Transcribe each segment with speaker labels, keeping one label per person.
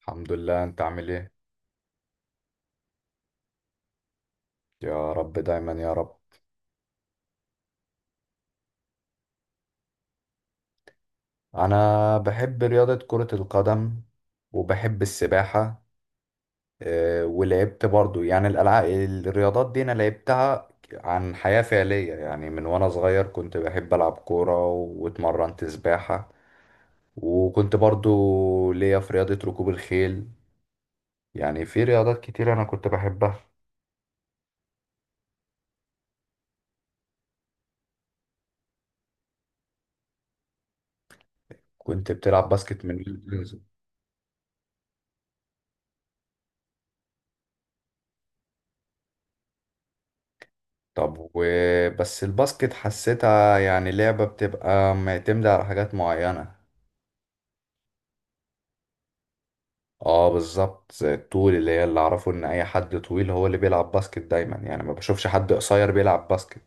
Speaker 1: الحمد لله. انت عامل ايه؟ يا رب دايما يا رب. انا بحب رياضة كرة القدم وبحب السباحة. اه، ولعبت برضو يعني الالعاب الرياضات دي انا لعبتها عن حياة فعلية، يعني من وانا صغير كنت بحب العب كورة واتمرنت سباحة. وكنت برضو ليا في رياضة ركوب الخيل. يعني في رياضات كتير انا كنت بحبها. كنت بتلعب باسكت من؟ طب وبس الباسكت حسيتها يعني لعبة بتبقى معتمدة على حاجات معينة. اه بالظبط زي الطول، اللي هي اللي اعرفه ان اي حد طويل هو اللي بيلعب باسكت دايما، يعني ما بشوفش حد قصير بيلعب باسكت.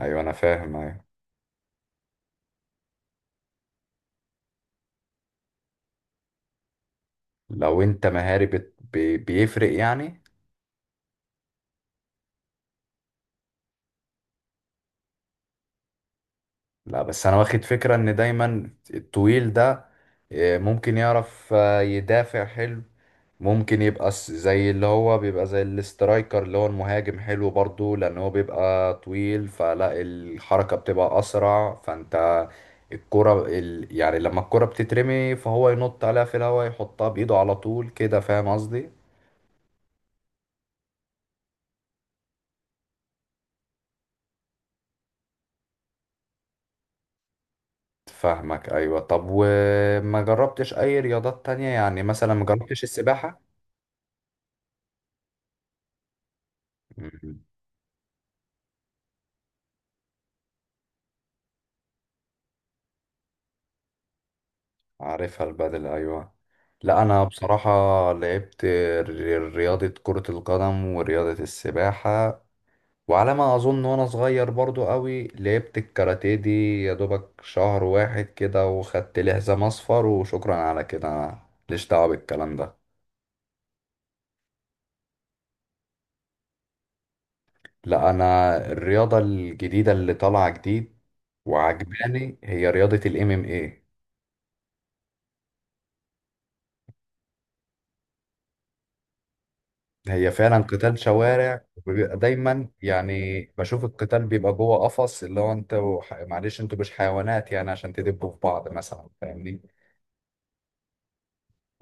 Speaker 1: ايوه، انا فاهم، ايوه. لو انت مهاري بيفرق يعني. لا، بس انا واخد فكرة ان دايما الطويل ده ممكن يعرف، يدافع حلو. ممكن يبقى زي اللي هو بيبقى زي الاسترايكر اللي هو المهاجم حلو برضو، لان هو بيبقى طويل فلا الحركة بتبقى اسرع، فانت يعني لما الكرة بتترمي فهو ينط عليها في الهواء يحطها بايده على طول كده، فاهم قصدي؟ فاهمك، ايوه. طب وما جربتش اي رياضات تانية؟ يعني مثلا ما جربتش السباحة؟ مم. عارفها البدل، ايوه. لا، انا بصراحة لعبت رياضة كرة القدم ورياضة السباحة. وعلى ما اظن وانا صغير برضو قوي لعبت الكاراتيه دي يا دوبك شهر واحد كده، وخدت لي حزام اصفر، وشكرا على كده، انا ماليش دعوه بالكلام ده. لا، انا الرياضه الجديده اللي طالعه جديد وعجباني هي رياضه الام ام ايه. هي فعلا قتال شوارع، وبيبقى دايما، يعني بشوف القتال بيبقى جوه قفص، اللي هو انت معلش، انتوا مش حيوانات يعني عشان تدبوا في بعض مثلا، فاهمني؟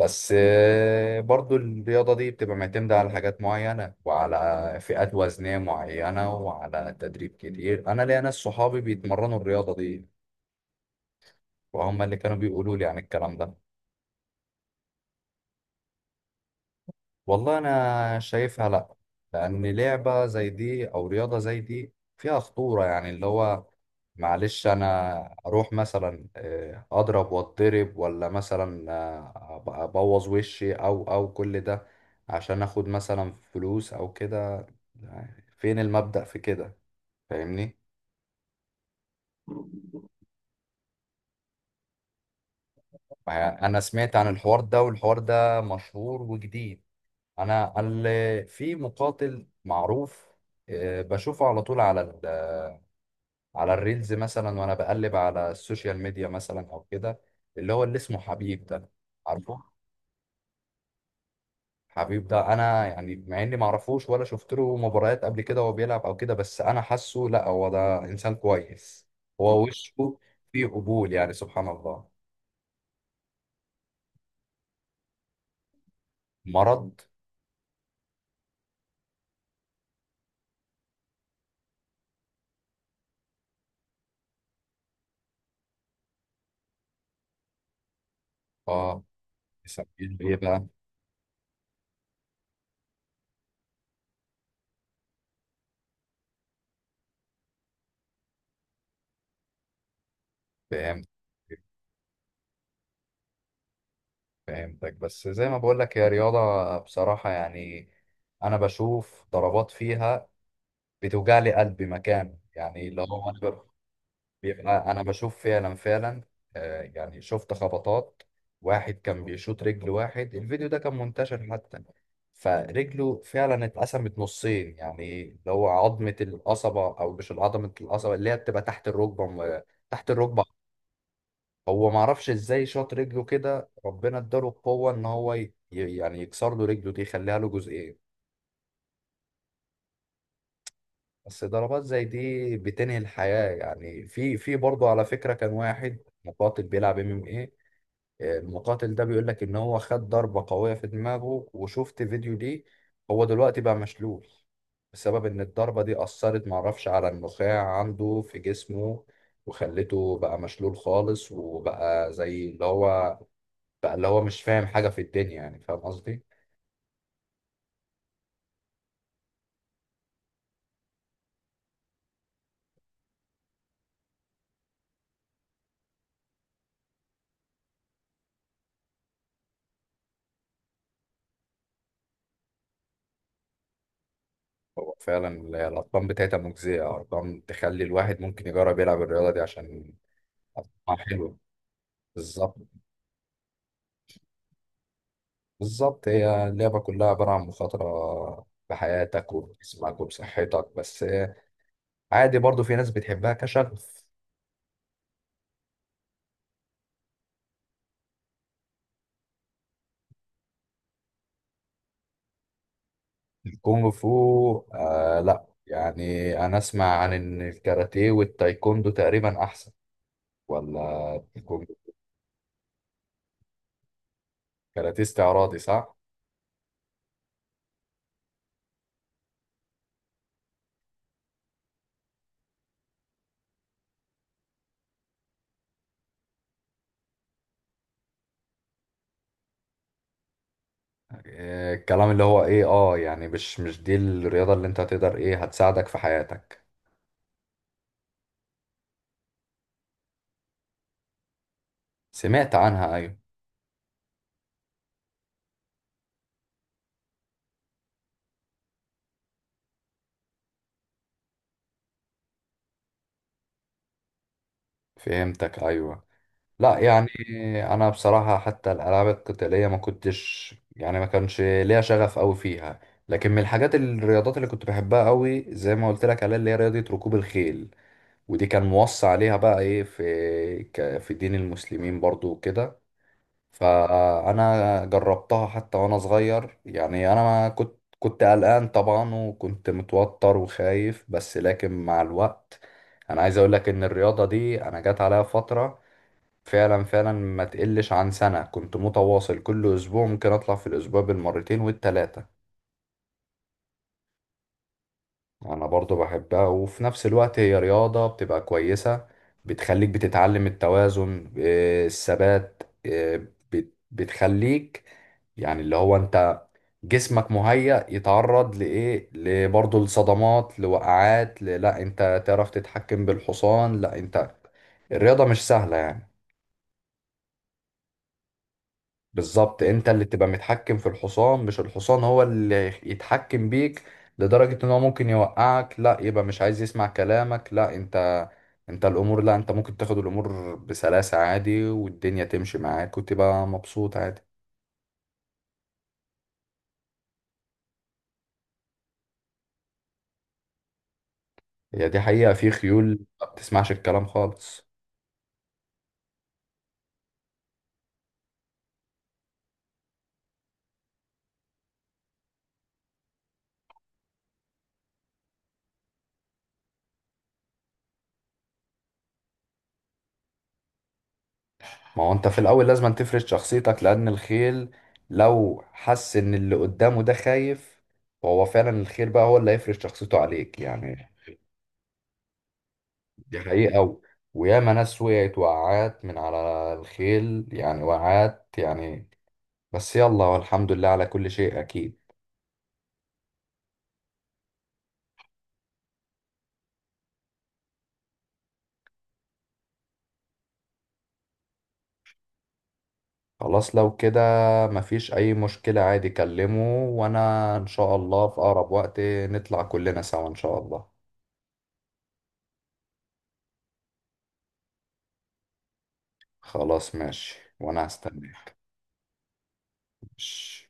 Speaker 1: بس برضو الرياضة دي بتبقى معتمدة على حاجات معينة وعلى فئات وزنية معينة وعلى تدريب كتير. أنا ليا ناس صحابي بيتمرنوا الرياضة دي وهم اللي كانوا بيقولوا لي عن الكلام ده. والله أنا شايفها لأ، لأن لعبة زي دي أو رياضة زي دي فيها خطورة، يعني اللي هو معلش، أنا أروح مثلا أضرب وأتضرب، ولا مثلا أبقى أبوظ وشي أو أو كل ده، عشان اخد مثلا فلوس او كده، فين المبدأ في كده؟ فاهمني؟ انا سمعت عن الحوار ده، والحوار ده مشهور وجديد. انا في مقاتل معروف، بشوفه على طول على على الريلز مثلا وانا بقلب على السوشيال ميديا مثلا او كده، اللي هو اللي اسمه حبيب ده. عارفه. حبيب ده انا يعني مع اني معرفوش ولا شفت له مباريات قبل كده وهو بيلعب او كده، بس انا حاسه لا، هو ده انسان كويس. هو وشه فيه قبول، يعني سبحان الله. مرض؟ اه. يسميه ايه بقى؟ فهمت. فهمتك. بس زي ما بقول لك، هي رياضة بصراحة يعني انا بشوف ضربات فيها بتوجع لي قلبي مكان، يعني اللي هو انا بيبقى انا بشوف فعلا فعلا، يعني شفت خبطات. واحد كان بيشوط رجل، واحد الفيديو ده كان منتشر حتى، فرجله فعلا اتقسمت نصين، يعني اللي هو عظمة القصبة او مش عظمة القصبة اللي هي بتبقى تحت الركبة، تحت الركبة. هو ما اعرفش ازاي شاط رجله كده، ربنا اداله القوه ان هو يعني يكسر له رجله دي يخليها له جزئين. بس ضربات زي دي بتنهي الحياه، يعني في في برضه على فكره، كان واحد مقاتل بيلعب ام ام ايه. المقاتل ده بيقول لك ان هو خد ضربه قويه في دماغه، وشفت فيديو ليه. هو دلوقتي بقى مشلول بسبب ان الضربه دي اثرت، ما اعرفش، على النخاع عنده في جسمه، وخلته بقى مشلول خالص، وبقى زي اللي هو فاللي هو مش فاهم حاجة في الدنيا، يعني فاهم قصدي؟ هو فعلا الأرقام بتاعتها مجزية، أرقام تخلي الواحد ممكن يجرب يلعب الرياضة دي عشان حلوة. بالظبط. بالظبط، هي اللعبة كلها عبارة عن مخاطرة بحياتك وبجسمك وبصحتك، بس عادي، برضو في ناس بتحبها كشغف. الكونغ فو آه، لا، يعني أنا أسمع عن إن الكاراتيه والتايكوندو تقريبا أحسن ولا الكونغ. كاراتيه استعراضي صح؟ الكلام اللي هو ايه، اه يعني مش دي الرياضة اللي انت هتقدر ايه هتساعدك في حياتك. سمعت عنها، ايوه. فهمتك، ايوه. لا، يعني انا بصراحة حتى الالعاب القتالية ما كنتش، يعني ما كانش ليا شغف قوي فيها. لكن من الحاجات الرياضات اللي كنت بحبها قوي زي ما قلت لك عليها، اللي هي رياضة ركوب الخيل. ودي كان موصى عليها بقى ايه في في دين المسلمين برضو وكده. فانا جربتها حتى وانا صغير، يعني انا ما كنت كنت قلقان طبعا وكنت متوتر وخايف، بس لكن مع الوقت انا عايز اقول لك ان الرياضة دي انا جات عليها فترة، فعلا فعلا ما تقلش عن سنة كنت متواصل كل اسبوع، ممكن اطلع في الاسبوع بالمرتين والتلاتة. انا برضو بحبها وفي نفس الوقت هي رياضة بتبقى كويسة، بتخليك بتتعلم التوازن، الثبات، بتخليك يعني اللي هو انت جسمك مهيأ يتعرض لإيه لبرضه لصدمات لوقعات، لا انت تعرف تتحكم بالحصان لا انت، الرياضة مش سهلة يعني. بالظبط، انت اللي تبقى متحكم في الحصان، مش الحصان هو اللي يتحكم بيك، لدرجة ان هو ممكن يوقعك، لا يبقى مش عايز يسمع كلامك، لا انت انت الامور، لا انت ممكن تاخد الامور بسلاسة عادي والدنيا تمشي معاك وتبقى مبسوط عادي. هي دي حقيقة، في خيول ما بتسمعش الكلام خالص. ما هو انت في الاول لازم أن تفرض شخصيتك، لان الخيل لو حس ان اللي قدامه ده خايف فهو فعلا الخيل بقى هو اللي هيفرض شخصيته عليك يعني. دي حقيقة. وياما ناس وقعت وقعات من على الخيل، يعني وقعات يعني. بس يلا، والحمد لله على كل شيء. أكيد. خلاص لو كده مفيش أي مشكلة عادي، كلمه وأنا إن شاء الله في أقرب وقت نطلع كلنا سوا إن شاء الله. خلاص ماشي، وأنا هستناك. ماشي.